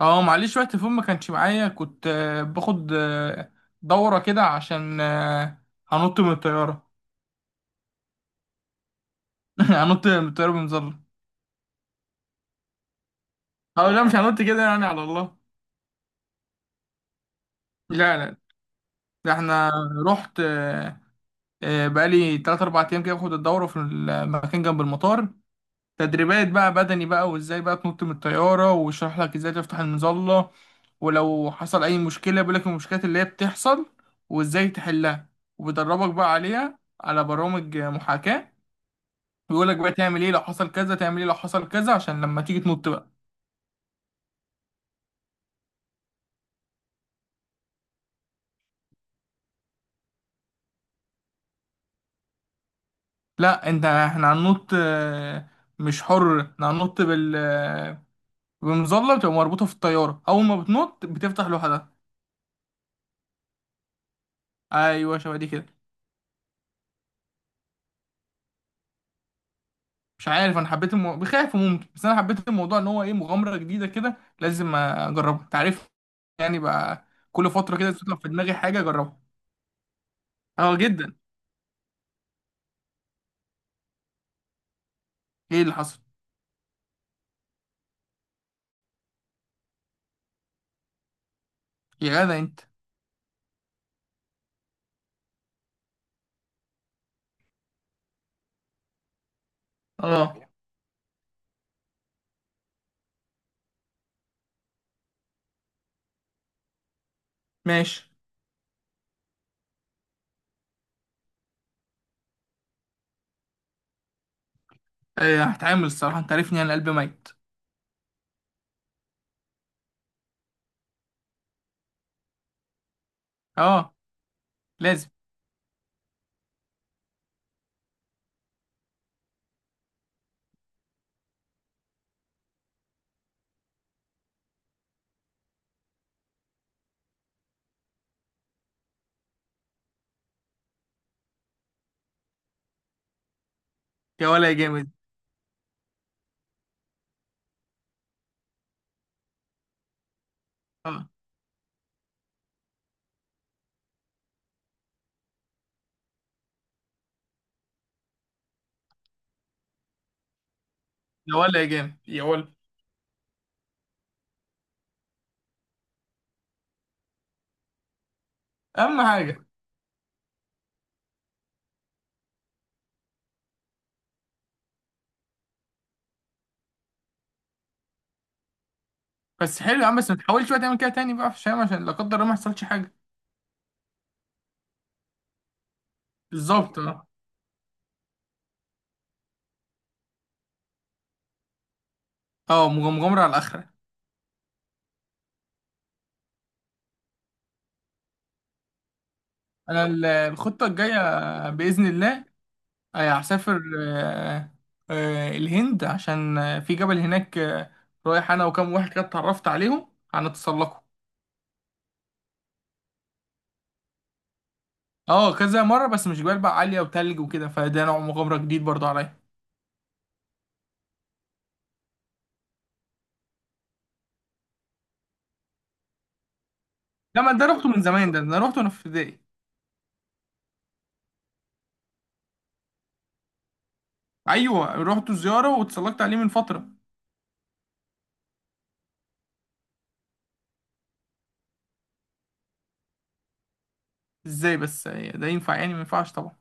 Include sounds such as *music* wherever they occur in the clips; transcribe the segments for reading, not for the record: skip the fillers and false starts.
اه معلش وقت فوق ما كانش معايا كنت باخد دورة كده عشان هنط من الطيارة. *laughs* هنط من الطيارة بمظلة. اه لا، مش هنط كده يعني، على الله. لا، ده احنا رحت بقالي تلات أربع أيام كده باخد الدورة في المكان جنب المطار. تدريبات بقى بدني بقى، وازاي بقى تنط من الطيارة، ويشرح لك ازاي تفتح المظلة، ولو حصل أي مشكلة بيقول لك المشكلات اللي هي بتحصل وازاي تحلها. وبيدربك بقى عليها على برامج محاكاة. بيقول لك بقى تعمل ايه لو حصل كذا، تعمل ايه لو حصل كذا، عشان لما تيجي تنط بقى. لا، انت احنا هننط مش حر، احنا هننط بال بمظلة بتبقى مربوطة في الطيارة، اول ما بتنط بتفتح لوحدها. ايوه، شبه دي كده. مش عارف، انا حبيت بخاف ممكن، بس انا حبيت الموضوع ان هو ايه، مغامرة جديدة كده لازم اجربها، تعرف. يعني بقى كل فترة كده تطلع في دماغي حاجة اجربها. اه جدا. ايه اللي حصل؟ يا جدع انت. اه، ماشي. هتعامل، الصراحة انت عارفني انا قلبي ميت. اه لازم. يا ولا يا جامد. اه يا ولا يا جامد يا ولا. اهم حاجه. بس حلو يا عم، بس ما تحاولش بقى تعمل كده تاني بقى في الشام، عشان لا قدر الله ما يحصلش حاجه. بالظبط اه. اه مغامره على الاخره. انا الخطه الجايه باذن الله هسافر الهند، عشان في جبل هناك رايح انا وكام واحد كده اتعرفت عليهم، هنتسلقوا. اه كذا مره، بس مش جبال بقى عاليه وتلج وكده، فده نوع مغامره جديد برضه عليا. لا، ما ده روحته من زمان، ده ده انا روحته وانا في ابتدائي. ايوه رحت زياره واتسلقت عليه من فتره. ازاي بس ده ينفع يعني؟ ما ينفعش طبعا.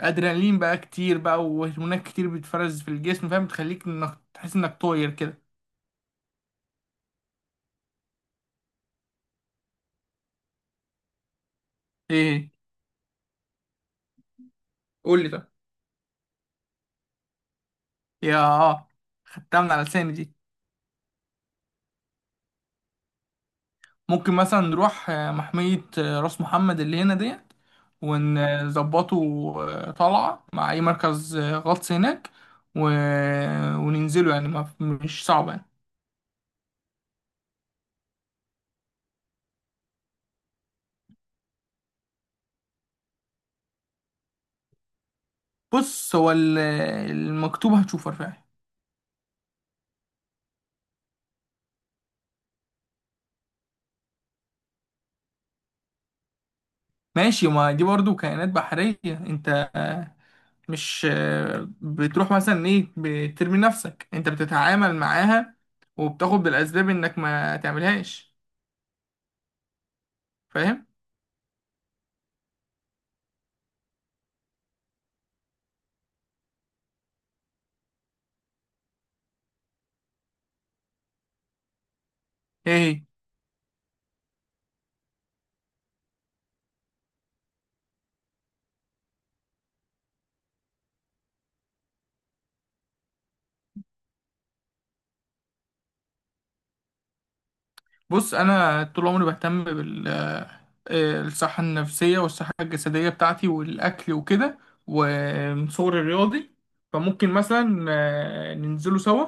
ادرينالين بقى كتير بقى، وهرمونات كتير بتفرز في الجسم، فاهم، تخليك انك تحس انك طاير كده. ايه؟ قول لي طيب. يا اه، خدتها من على لساني دي. ممكن مثلا نروح محمية راس محمد اللي هنا ديت ونظبطه طلعة مع أي مركز غطس هناك و... وننزله، يعني ما... مش صعب يعني. بص، هو المكتوب هتشوفه رفاعي. ماشي، ما دي برضو كائنات بحرية، انت مش بتروح مثلا ايه، بترمي نفسك، انت بتتعامل معاها وبتاخد بالاسباب انك ما تعملهاش، فاهم. ايه هي؟ بص، انا طول عمري بهتم بال الصحه النفسيه والصحه الجسديه بتاعتي والاكل وكده، ومن صغري رياضي. فممكن مثلا ننزلوا سوا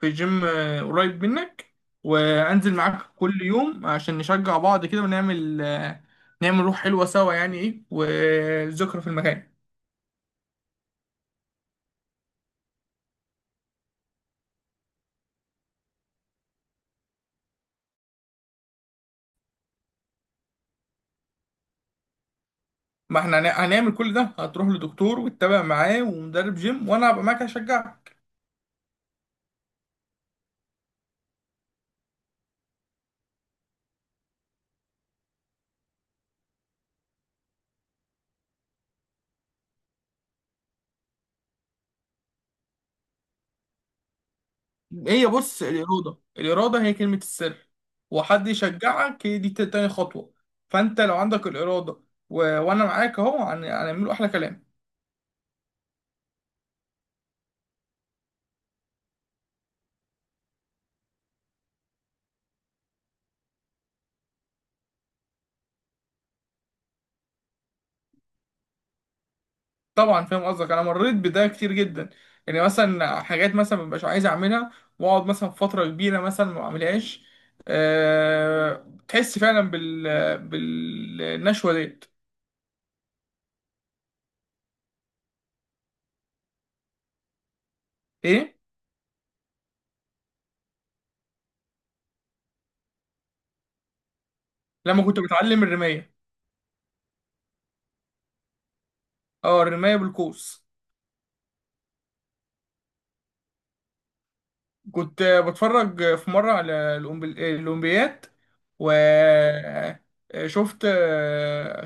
في جيم قريب منك، وانزل معاك كل يوم عشان نشجع بعض كده، ونعمل نعمل روح حلوه سوا، يعني ايه وذكرى في المكان. ما احنا هنعمل كل ده، هتروح لدكتور وتتابع معاه ومدرب جيم، وانا هبقى معاك اشجعك. هي بص، الإرادة، الإرادة هي كلمة السر، وحد يشجعك هي دي تاني خطوة. فأنت لو عندك الإرادة وأنا معاك أهو، هنعمله أحلى كلام. طبعا فاهم قصدك، أنا مريت بده كتير جدا. يعني مثلا حاجات مثلا مبقاش عايز أعملها، وأقعد مثلا فترة كبيرة مثلا ما أعملهاش، تحس فعلا بالنشوة ديت. إيه؟ لما كنت بتعلم الرماية. أه، الرماية بالقوس. كنت بتفرج في مرة على الأولمبياد، و شفت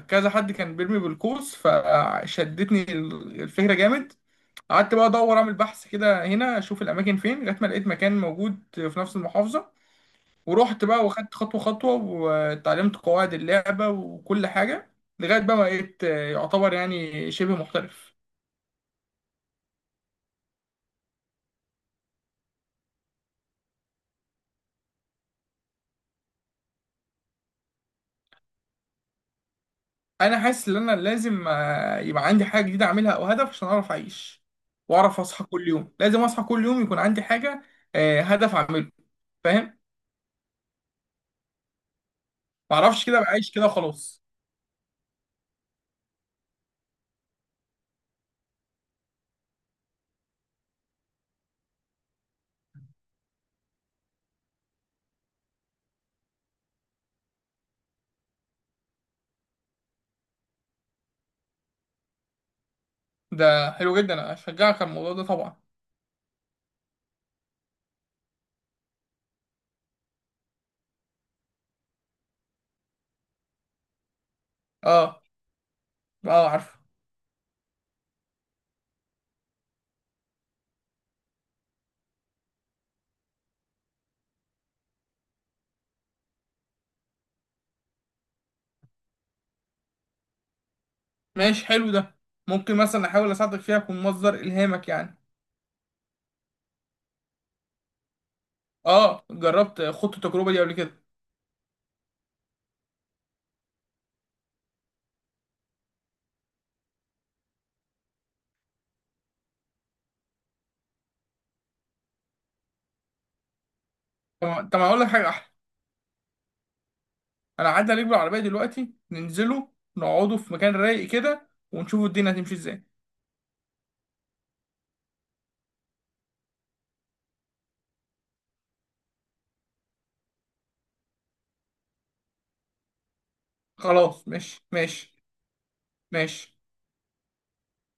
كذا حد كان بيرمي بالقوس، فشدتني الفكرة، جامد. قعدت بقى أدور أعمل بحث كده هنا، أشوف الأماكن فين، لغاية ما لقيت مكان موجود في نفس المحافظة. ورحت بقى واخدت خطوة خطوة، واتعلمت قواعد اللعبة وكل حاجة، لغاية بقى ما بقيت يعتبر يعني شبه محترف. انا حاسس ان انا لازم يبقى عندي حاجه جديده اعملها، او هدف، عشان اعرف اعيش واعرف اصحى كل يوم. لازم اصحى كل يوم يكون عندي حاجه هدف اعمله، فاهم. ما اعرفش، كده بعيش كده خلاص. ده حلو جدا، انا اشجعك على الموضوع ده طبعا. اه. اه عارفه. ماشي حلو ده، ممكن مثلا احاول اساعدك فيها، اكون مصدر الهامك يعني. اه جربت، خدت التجربه دي قبل كده. طب طب هقول لك حاجه احلى، انا عدى عليك بالعربيه دلوقتي، ننزله نقعدوا في مكان رايق كده، ونشوفوا الدنيا هتمشي ازاي. خلاص ماشي ماشي ماشي.